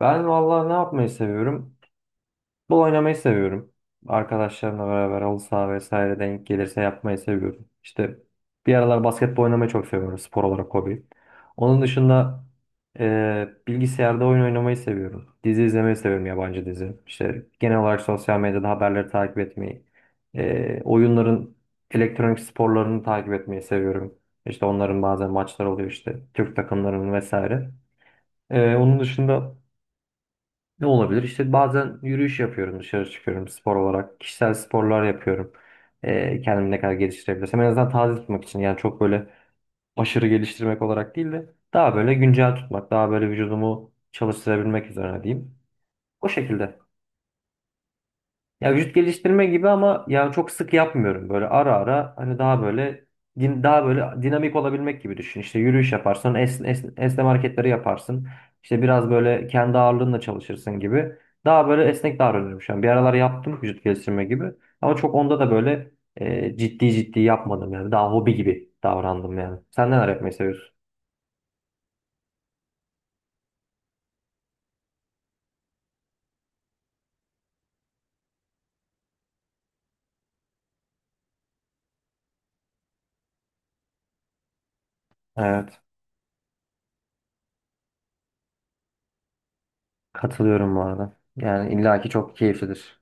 Ben vallahi ne yapmayı seviyorum? Futbol oynamayı seviyorum. Arkadaşlarımla beraber halı saha vesaire denk gelirse yapmayı seviyorum. İşte bir aralar basketbol oynamayı çok seviyorum spor olarak hobi. Onun dışında bilgisayarda oyun oynamayı seviyorum. Dizi izlemeyi seviyorum yabancı dizi. İşte genel olarak sosyal medyada haberleri takip etmeyi, oyunların elektronik sporlarını takip etmeyi seviyorum. İşte onların bazen maçları oluyor işte Türk takımlarının vesaire. Onun dışında ne olabilir? İşte bazen yürüyüş yapıyorum, dışarı çıkıyorum spor olarak. Kişisel sporlar yapıyorum. Kendimi ne kadar geliştirebilirsem. En azından taze tutmak için. Yani çok böyle aşırı geliştirmek olarak değil de daha böyle güncel tutmak, daha böyle vücudumu çalıştırabilmek üzerine diyeyim. O şekilde. Ya vücut geliştirme gibi ama yani çok sık yapmıyorum. Böyle ara ara hani daha böyle daha böyle dinamik olabilmek gibi düşün. İşte yürüyüş yaparsın, esneme hareketleri yaparsın. İşte biraz böyle kendi ağırlığınla çalışırsın gibi. Daha böyle esnek davranıyorum şu an. Bir aralar yaptım vücut geliştirme gibi. Ama çok onda da böyle ciddi ciddi yapmadım yani. Daha hobi gibi davrandım yani. Sen neler yapmayı seviyorsun? Evet. Katılıyorum bu arada. Yani illaki çok keyiflidir.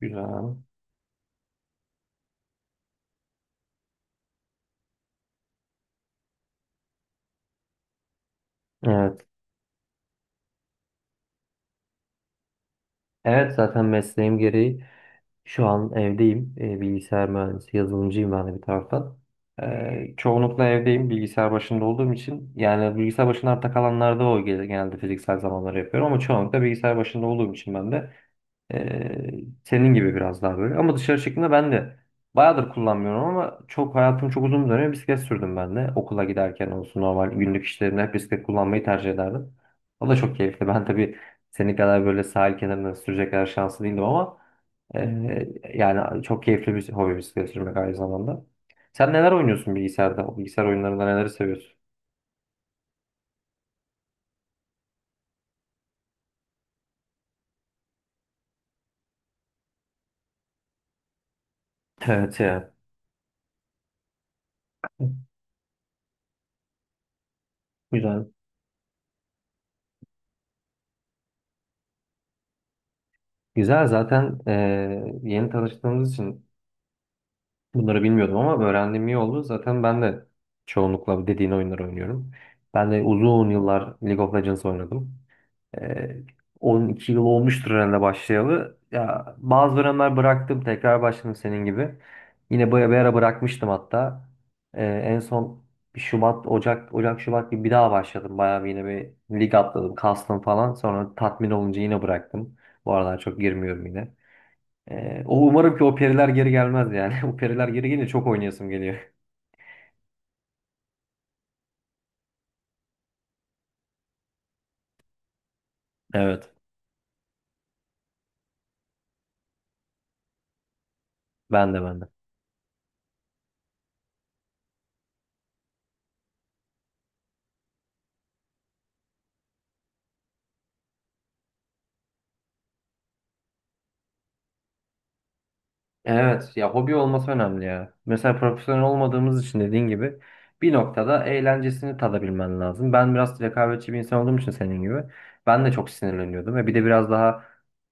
Güzel. Evet. Evet zaten mesleğim gereği. Şu an evdeyim. Bilgisayar mühendisi, yazılımcıyım ben de bir taraftan. Çoğunlukla evdeyim bilgisayar başında olduğum için. Yani bilgisayar başında arta kalanlarda genelde fiziksel zamanları yapıyorum. Ama çoğunlukla bilgisayar başında olduğum için ben de ee, senin gibi biraz daha böyle. Ama dışarı çıktığımda ben de bayağıdır kullanmıyorum ama çok hayatım çok uzun bir dönem bisiklet sürdüm ben de. Okula giderken olsun normal günlük işlerimde hep bisiklet kullanmayı tercih ederdim. O da çok keyifli. Ben tabii senin kadar böyle sahil kenarında sürecek kadar şanslı değildim ama ee, yani çok keyifli bir hobi bisiklet sürmek aynı zamanda. Sen neler oynuyorsun bilgisayarda? Bilgisayar oyunlarında neleri seviyorsun? Evet ya. Güzel. Güzel zaten yeni tanıştığımız için bunları bilmiyordum ama öğrendiğim iyi oldu. Zaten ben de çoğunlukla dediğin oyunları oynuyorum. Ben de uzun yıllar League of Legends oynadım. Ee, 12 yıl olmuştur herhalde başlayalı. Ya bazı dönemler bıraktım, tekrar başladım senin gibi. Yine böyle bir ara bırakmıştım hatta. En son bir Şubat, Ocak, Ocak, Şubat gibi bir daha başladım. Bayağı bir yine bir lig atladım, kastım falan. Sonra tatmin olunca yine bıraktım. Bu aralar çok girmiyorum yine. O umarım ki o periler geri gelmez yani. O periler geri gelince çok oynayasım geliyor. Evet. Ben de ben de. Evet ya hobi olması önemli ya. Mesela profesyonel olmadığımız için dediğin gibi bir noktada eğlencesini tadabilmen lazım. Ben biraz rekabetçi bir insan olduğum için senin gibi ben de çok sinirleniyordum ve bir de biraz daha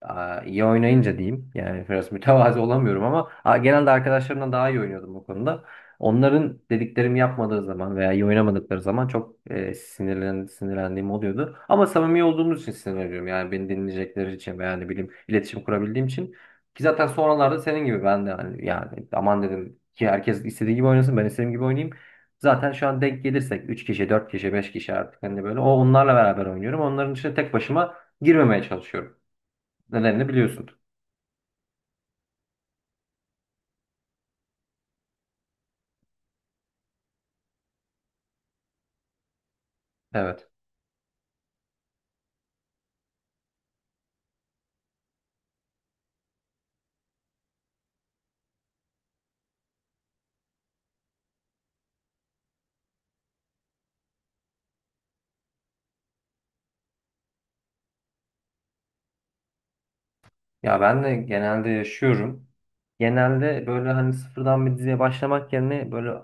iyi oynayınca diyeyim yani biraz mütevazi olamıyorum ama genelde arkadaşlarımdan daha iyi oynuyordum bu konuda. Onların dediklerimi yapmadığı zaman veya iyi oynamadıkları zaman çok sinirlendiğim oluyordu. Ama samimi olduğumuz için sinirleniyorum yani beni dinleyecekleri için veya ne bileyim iletişim kurabildiğim için. Ki zaten sonralarda senin gibi ben de hani yani aman dedim ki herkes istediği gibi oynasın ben istediğim gibi oynayayım. Zaten şu an denk gelirsek 3 kişi, 4 kişi, 5 kişi artık hani böyle onlarla beraber oynuyorum. Onların içine tek başıma girmemeye çalışıyorum. Nedenini biliyorsun. Evet. Ya ben de genelde yaşıyorum. Genelde böyle hani sıfırdan bir diziye başlamak yerine böyle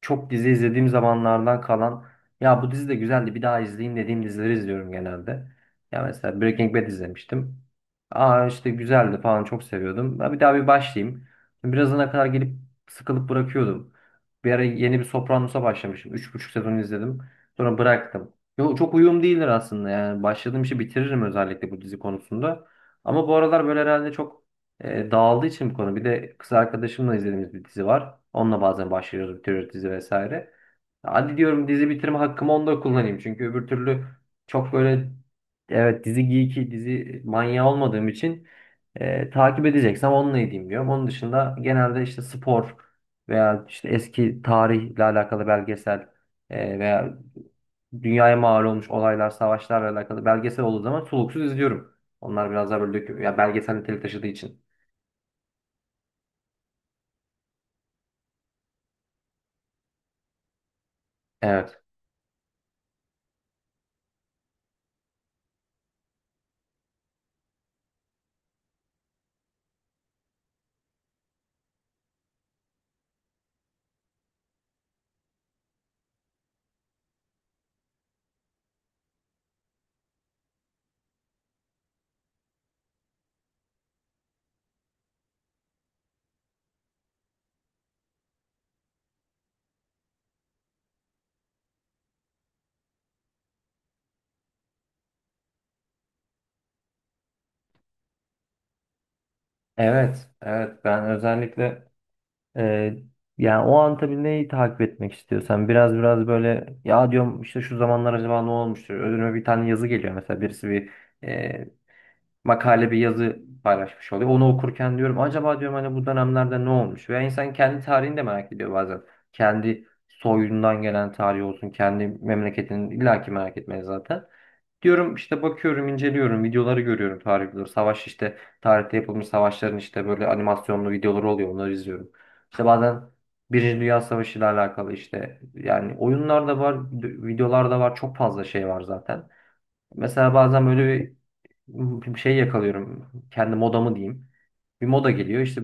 çok dizi izlediğim zamanlardan kalan ya bu dizi de güzeldi bir daha izleyeyim dediğim dizileri izliyorum genelde. Ya mesela Breaking Bad izlemiştim. Aa işte güzeldi falan çok seviyordum. Ben bir daha bir başlayayım. Birazına kadar gelip sıkılıp bırakıyordum. Bir ara yeni bir Sopranos'a başlamışım. 3,5 sezon izledim. Sonra bıraktım. Yo, çok uyum değildir aslında yani. Başladığım işi bitiririm özellikle bu dizi konusunda. Ama bu aralar böyle herhalde çok dağıldığı için bu konu. Bir de kız arkadaşımla izlediğimiz bir dizi var. Onunla bazen başlıyoruz, bitiriyoruz dizi vesaire. Hadi diyorum dizi bitirme hakkımı onda kullanayım. Çünkü öbür türlü çok böyle evet dizi geeki, dizi manyağı olmadığım için takip edeceksem onunla edeyim diyorum. Onun dışında genelde işte spor veya işte eski tarihle alakalı belgesel veya dünyaya mal olmuş olaylar, savaşlarla alakalı belgesel olduğu zaman soluksuz izliyorum. Onlar biraz daha böyle döküm, ya belgesel niteliği taşıdığı için. Evet. Evet, evet ben özellikle e, yani o an tabii neyi takip etmek istiyorsan biraz biraz böyle ya diyorum işte şu zamanlar acaba ne olmuştur? Önüme bir tane yazı geliyor mesela birisi bir e, makale bir yazı paylaşmış oluyor. Onu okurken diyorum acaba diyorum hani bu dönemlerde ne olmuş? Veya insan kendi tarihini de merak ediyor bazen. Kendi soyundan gelen tarihi olsun, kendi memleketini illaki merak etmeye zaten. Diyorum işte bakıyorum, inceliyorum, videoları görüyorum tarih videoları. Savaş işte tarihte yapılmış savaşların işte böyle animasyonlu videoları oluyor. Onları izliyorum. İşte bazen Birinci Dünya Savaşı ile alakalı işte yani oyunlar da var, videolar da var. Çok fazla şey var zaten. Mesela bazen böyle bir şey yakalıyorum. Kendi modamı diyeyim. Bir moda geliyor. İşte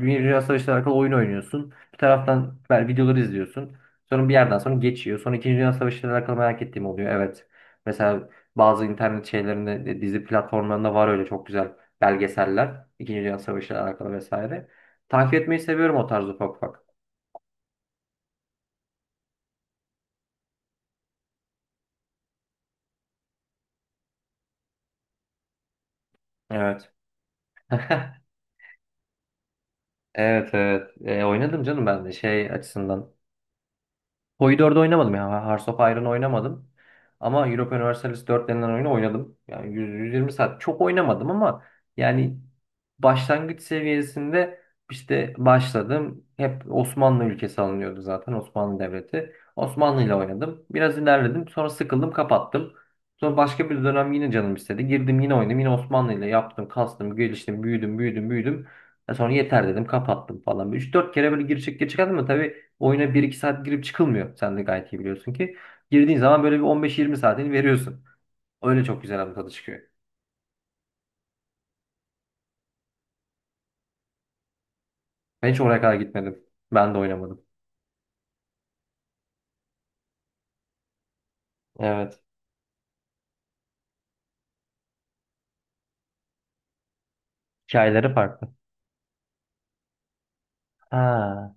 Dünya Savaşı ile alakalı oyun oynuyorsun. Bir taraftan ben videoları izliyorsun. Sonra bir yerden sonra geçiyor. Sonra İkinci Dünya Savaşı ile alakalı merak ettiğim oluyor. Evet. Mesela bazı internet şeylerinde, dizi platformlarında var öyle çok güzel belgeseller. İkinci Dünya Savaşı ile alakalı vesaire. Takip etmeyi seviyorum o tarz ufak ufak. Evet. Evet, evet. Oynadım canım ben de şey açısından. Hoi 4'ü oynamadım ya. Hearts of Iron'ı oynamadım. Ama Europa Universalis 4 denilen oyunu oynadım. Yani 100, 120 saat çok oynamadım ama yani başlangıç seviyesinde işte başladım. Hep Osmanlı ülkesi alınıyordu zaten Osmanlı Devleti. Osmanlı ile oynadım. Biraz ilerledim. Sonra sıkıldım kapattım. Sonra başka bir dönem yine canım istedi. Girdim yine oynadım. Yine Osmanlı ile yaptım, kastım, geliştim, büyüdüm, büyüdüm, büyüdüm. Sonra yeter dedim kapattım falan. Üç dört kere böyle gir çık gir çık ama oyuna bir iki saat girip çıkılmıyor. Sen de gayet iyi biliyorsun ki. Girdiğin zaman böyle bir 15-20 saatini veriyorsun. Öyle çok güzel bir tadı çıkıyor. Ben hiç oraya kadar gitmedim. Ben de oynamadım. Evet. Hikayeleri farklı. Ha,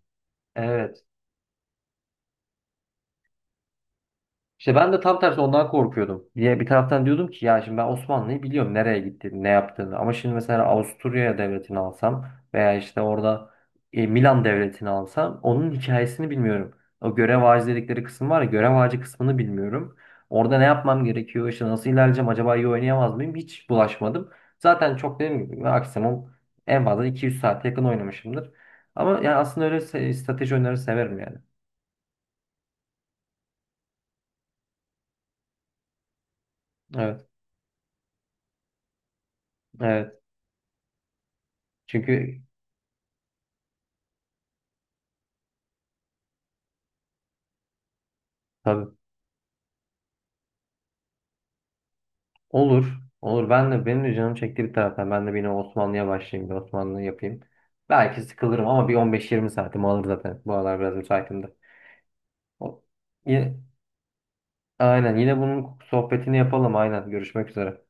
evet. İşte ben de tam tersi ondan korkuyordum. Diye bir taraftan diyordum ki ya şimdi ben Osmanlı'yı biliyorum nereye gittiğini, ne yaptığını. Ama şimdi mesela Avusturya devletini alsam veya işte orada Milan devletini alsam onun hikayesini bilmiyorum. O görev ağacı dedikleri kısım var ya görev ağacı kısmını bilmiyorum. Orada ne yapmam gerekiyor, işte nasıl ilerleyeceğim, acaba iyi oynayamaz mıyım hiç bulaşmadım. Zaten çok dediğim gibi maksimum en fazla 200 saate yakın oynamışımdır. Ama yani aslında öyle strateji oyunları severim yani. Evet, evet. Çünkü tabii. Olur. Olur. Ben de benim de canım çekti bir taraftan. Ben de yine Osmanlı'ya başlayayım. Bir Osmanlı yapayım. Belki sıkılırım ama bir 15-20 saatim alır zaten. Bu aralar biraz müsaitim de. O- Yine, aynen. Yine bunun sohbetini yapalım. Aynen. Görüşmek üzere.